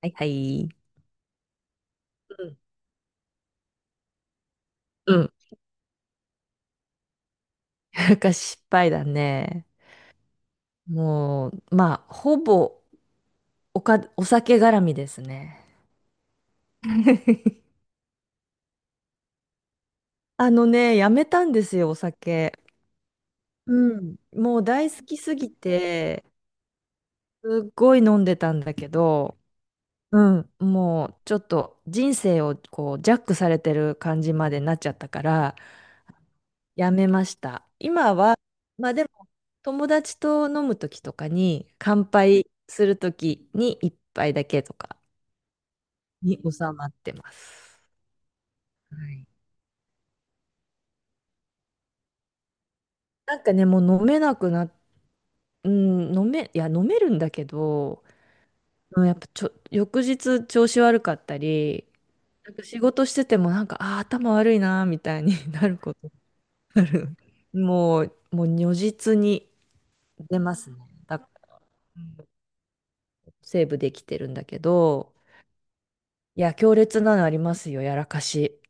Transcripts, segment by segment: はいはい。うん。なんか失敗だね。もう、まあ、ほぼお酒絡みですね。あのね、やめたんですよ、お酒。うん。もう大好きすぎて、すっごい飲んでたんだけど、うん、もうちょっと人生をこうジャックされてる感じまでなっちゃったから、やめました。今は、まあでも、友達と飲む時とかに、乾杯する時に一杯だけとかに収まってます。はい。なんかね、もう飲めなくなっ、うん、いや、飲めるんだけど、うんやっぱ翌日調子悪かったり、なんか仕事しててもなんか、頭悪いなーみたいに なることある。もう如実に出ますね。だからセーブできてるんだけど、いや、強烈なのありますよ、やらかし。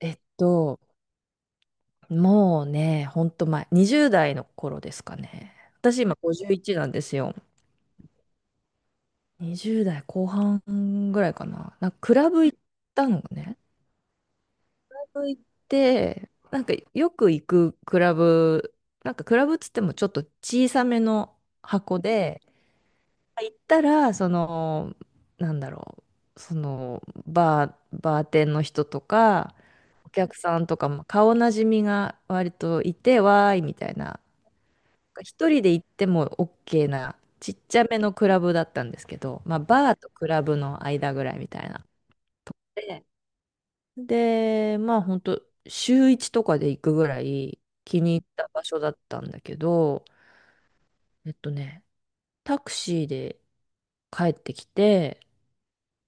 えっと、もうね、ほんと前、20代の頃ですかね。私今51なんですよ。20代後半ぐらいかな。なんかクラブ行ったのね。クラブ行って、なんかよく行くクラブ、なんかクラブっつってもちょっと小さめの箱で、行ったら、その、なんだろう、その、バーテンの人とか、お客さんとか、まあ顔なじみが割といて、わーい、みたいな。一人で行っても OK な、ちっちゃめのクラブだったんですけど、まあ、バーとクラブの間ぐらいみたいな。で、でまあ、本当週1とかで行くぐらい気に入った場所だったんだけど、えっとね、タクシーで帰ってきて、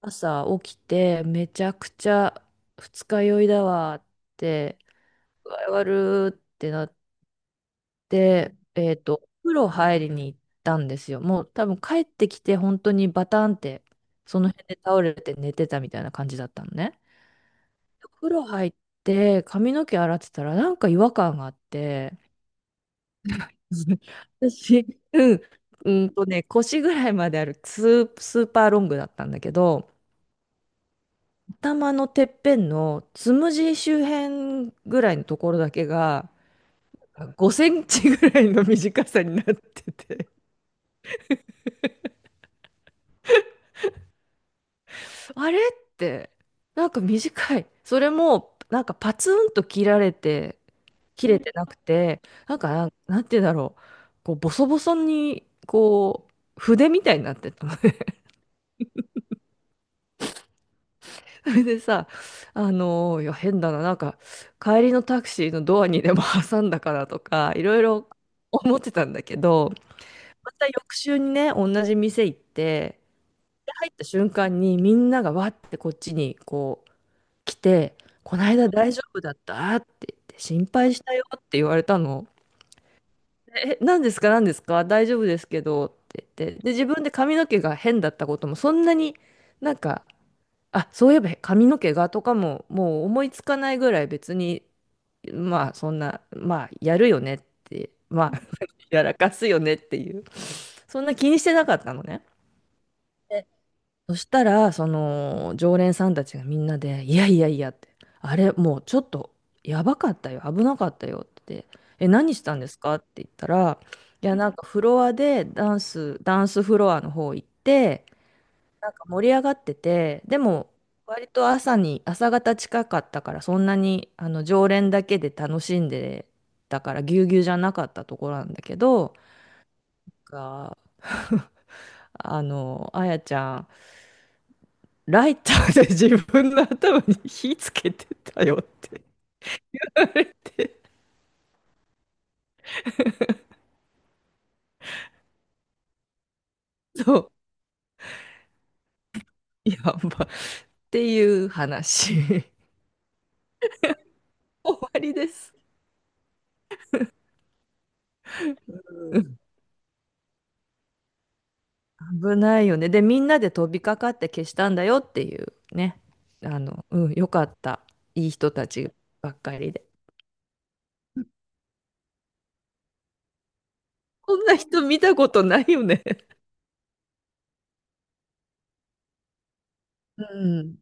朝起きてめちゃくちゃ二日酔いだわって、具合悪ってなって、お風呂入りに行ったんですよ。もう多分帰ってきて本当にバタンってその辺で倒れて寝てたみたいな感じだったのね。お風呂入って髪の毛洗ってたらなんか違和感があって、私、うん、腰ぐらいまであるススーパーロングだったんだけど、頭のてっぺんのつむじ周辺ぐらいのところだけが5センチぐらいの短さになってて、あれって、なんか短い、それもなんかパツンと切られて切れてなくて、なんかなんて言うんだろう、こうボソボソに、こう筆みたいになってたのね。 それでさ、いや変だな、なんか帰りのタクシーのドアにでも挟んだかなとか、いろいろ思ってたんだけど、また翌週にね、同じ店行って、で入った瞬間にみんながわってこっちにこう来て、この間大丈夫だったって言って、心配したよって言われたの。でえ、何ですか、何ですか、大丈夫ですけどって言って、で、自分で髪の毛が変だったことも、そんなになんか、あ、そういえば髪の毛がとかも、もう思いつかないぐらい別に、まあそんな、まあやるよねって、まあ やらかすよねっていう、そんな気にしてなかったのね。で、そしたら、その、常連さんたちがみんなで、いやいやいやって、あれ、もうちょっと、やばかったよ、危なかったよって、え、何したんですかって言ったら、いや、なんかフロアで、ダンスフロアの方行って、なんか盛り上がってて、でも、割と朝方近かったから、そんなに、あの、常連だけで楽しんでたから、ぎゅうぎゅうじゃなかったところなんだけど、が、 あの、あやちゃん、ライターで自分の頭に火つけてたよって言われて そう。やば。っていう話 終わりです。うん、危ないよね。で、みんなで飛びかかって消したんだよっていうね。あの、うん、よかった。いい人たちばっかりで。こんな人見たことないよね。うん。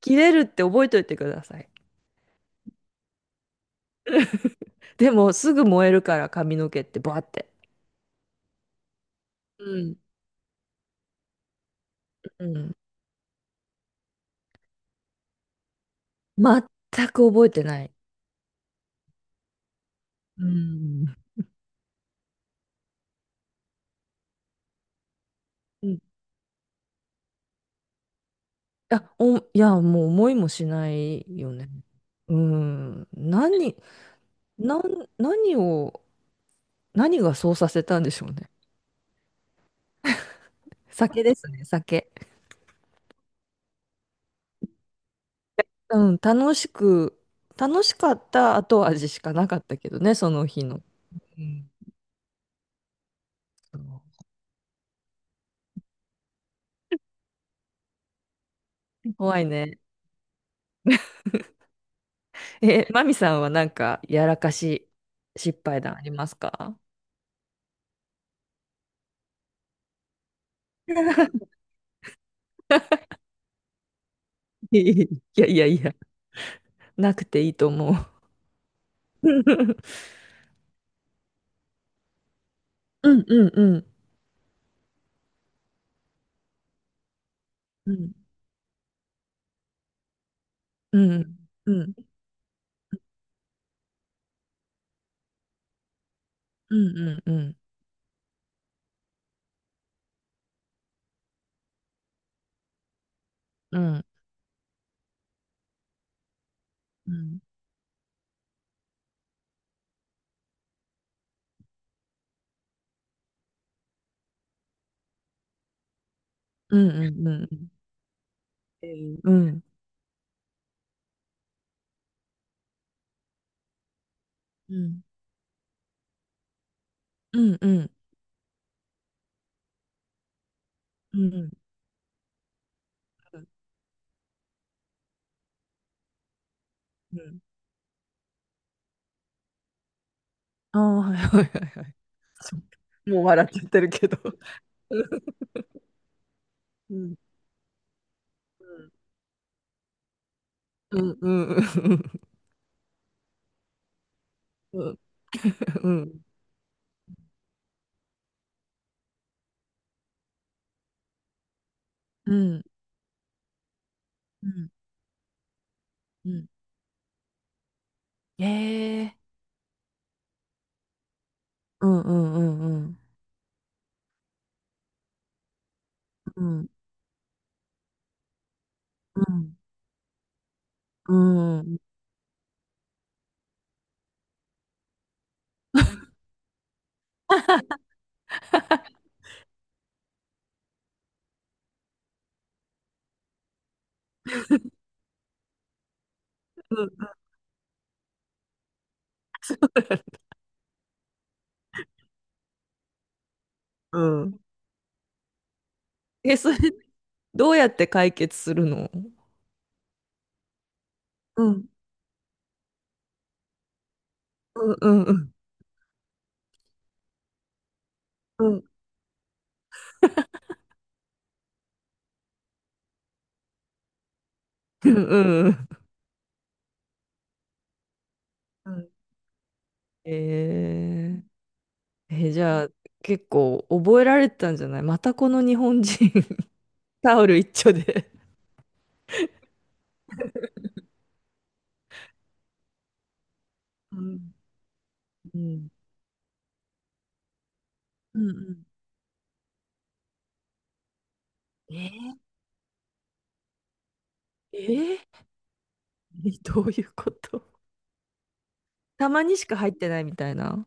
切れるって覚えといてください。でも、すぐ燃えるから髪の毛ってバーって。うん。うん。全く覚えてない。うん。いうん。いや、もう思いもしないよね。うん。何、なん、何を、何がそうさせたんでしょうね。酒ですね、酒。うん、楽しかった後味しかなかったけどね、その日の。うん、そう、怖いね。え、マミさんはなんか、やらかし失敗談ありますか？ いやいやいや、なくていいと思う。うんうんうん。うんうん、うん、うん、うん、うん、うん、うん、うん、うん、うん、っていう、うん、うん、うん、うん、うん、うん、うん、ああ、はいはいはいはい。そう、もう笑っちゃってるけど。うん、うん、うん、うん、うん、うん、うん、うん、うん、うん、ええ、うん、うん、うん、うん、うん、うん、うん、うん、え、それ、どうやって解決するの？うん、うん、うん、うん。うん。うんうんうん。えー、え、じゃあ、結構覚えられてたんじゃない、またこの日本人 タオル一丁で。うん。うん。うんうん。えー、えー、どういうこと、たまにしか入ってないみたいな。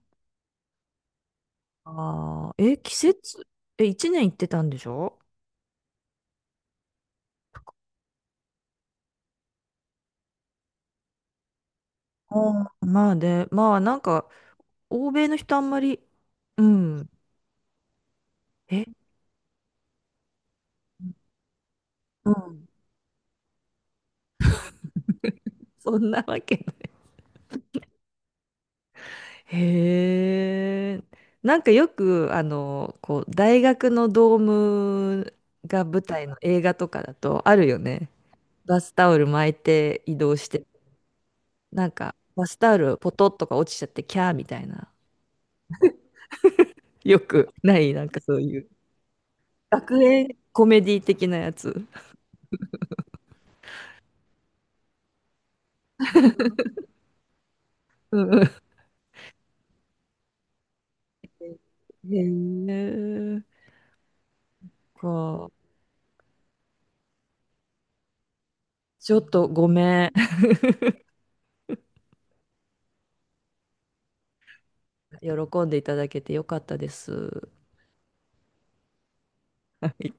ああ、え、季節、え、1年行ってたんでしょ？ああ、まあね、まあなんか、欧米の人あんまり、うん。え、うん。そんなわけ。へえ。なんかよく、あの、こう、大学のドームが舞台の映画とかだとあるよね。バスタオル巻いて移動して、なんか、バスタオルポトッとか落ちちゃってキャーみたいな。よくない、なんかそういう。学園コメディ的なやつ。うんうん。へえ。こう、ちょっとごめん。喜んでいただけてよかったです。はい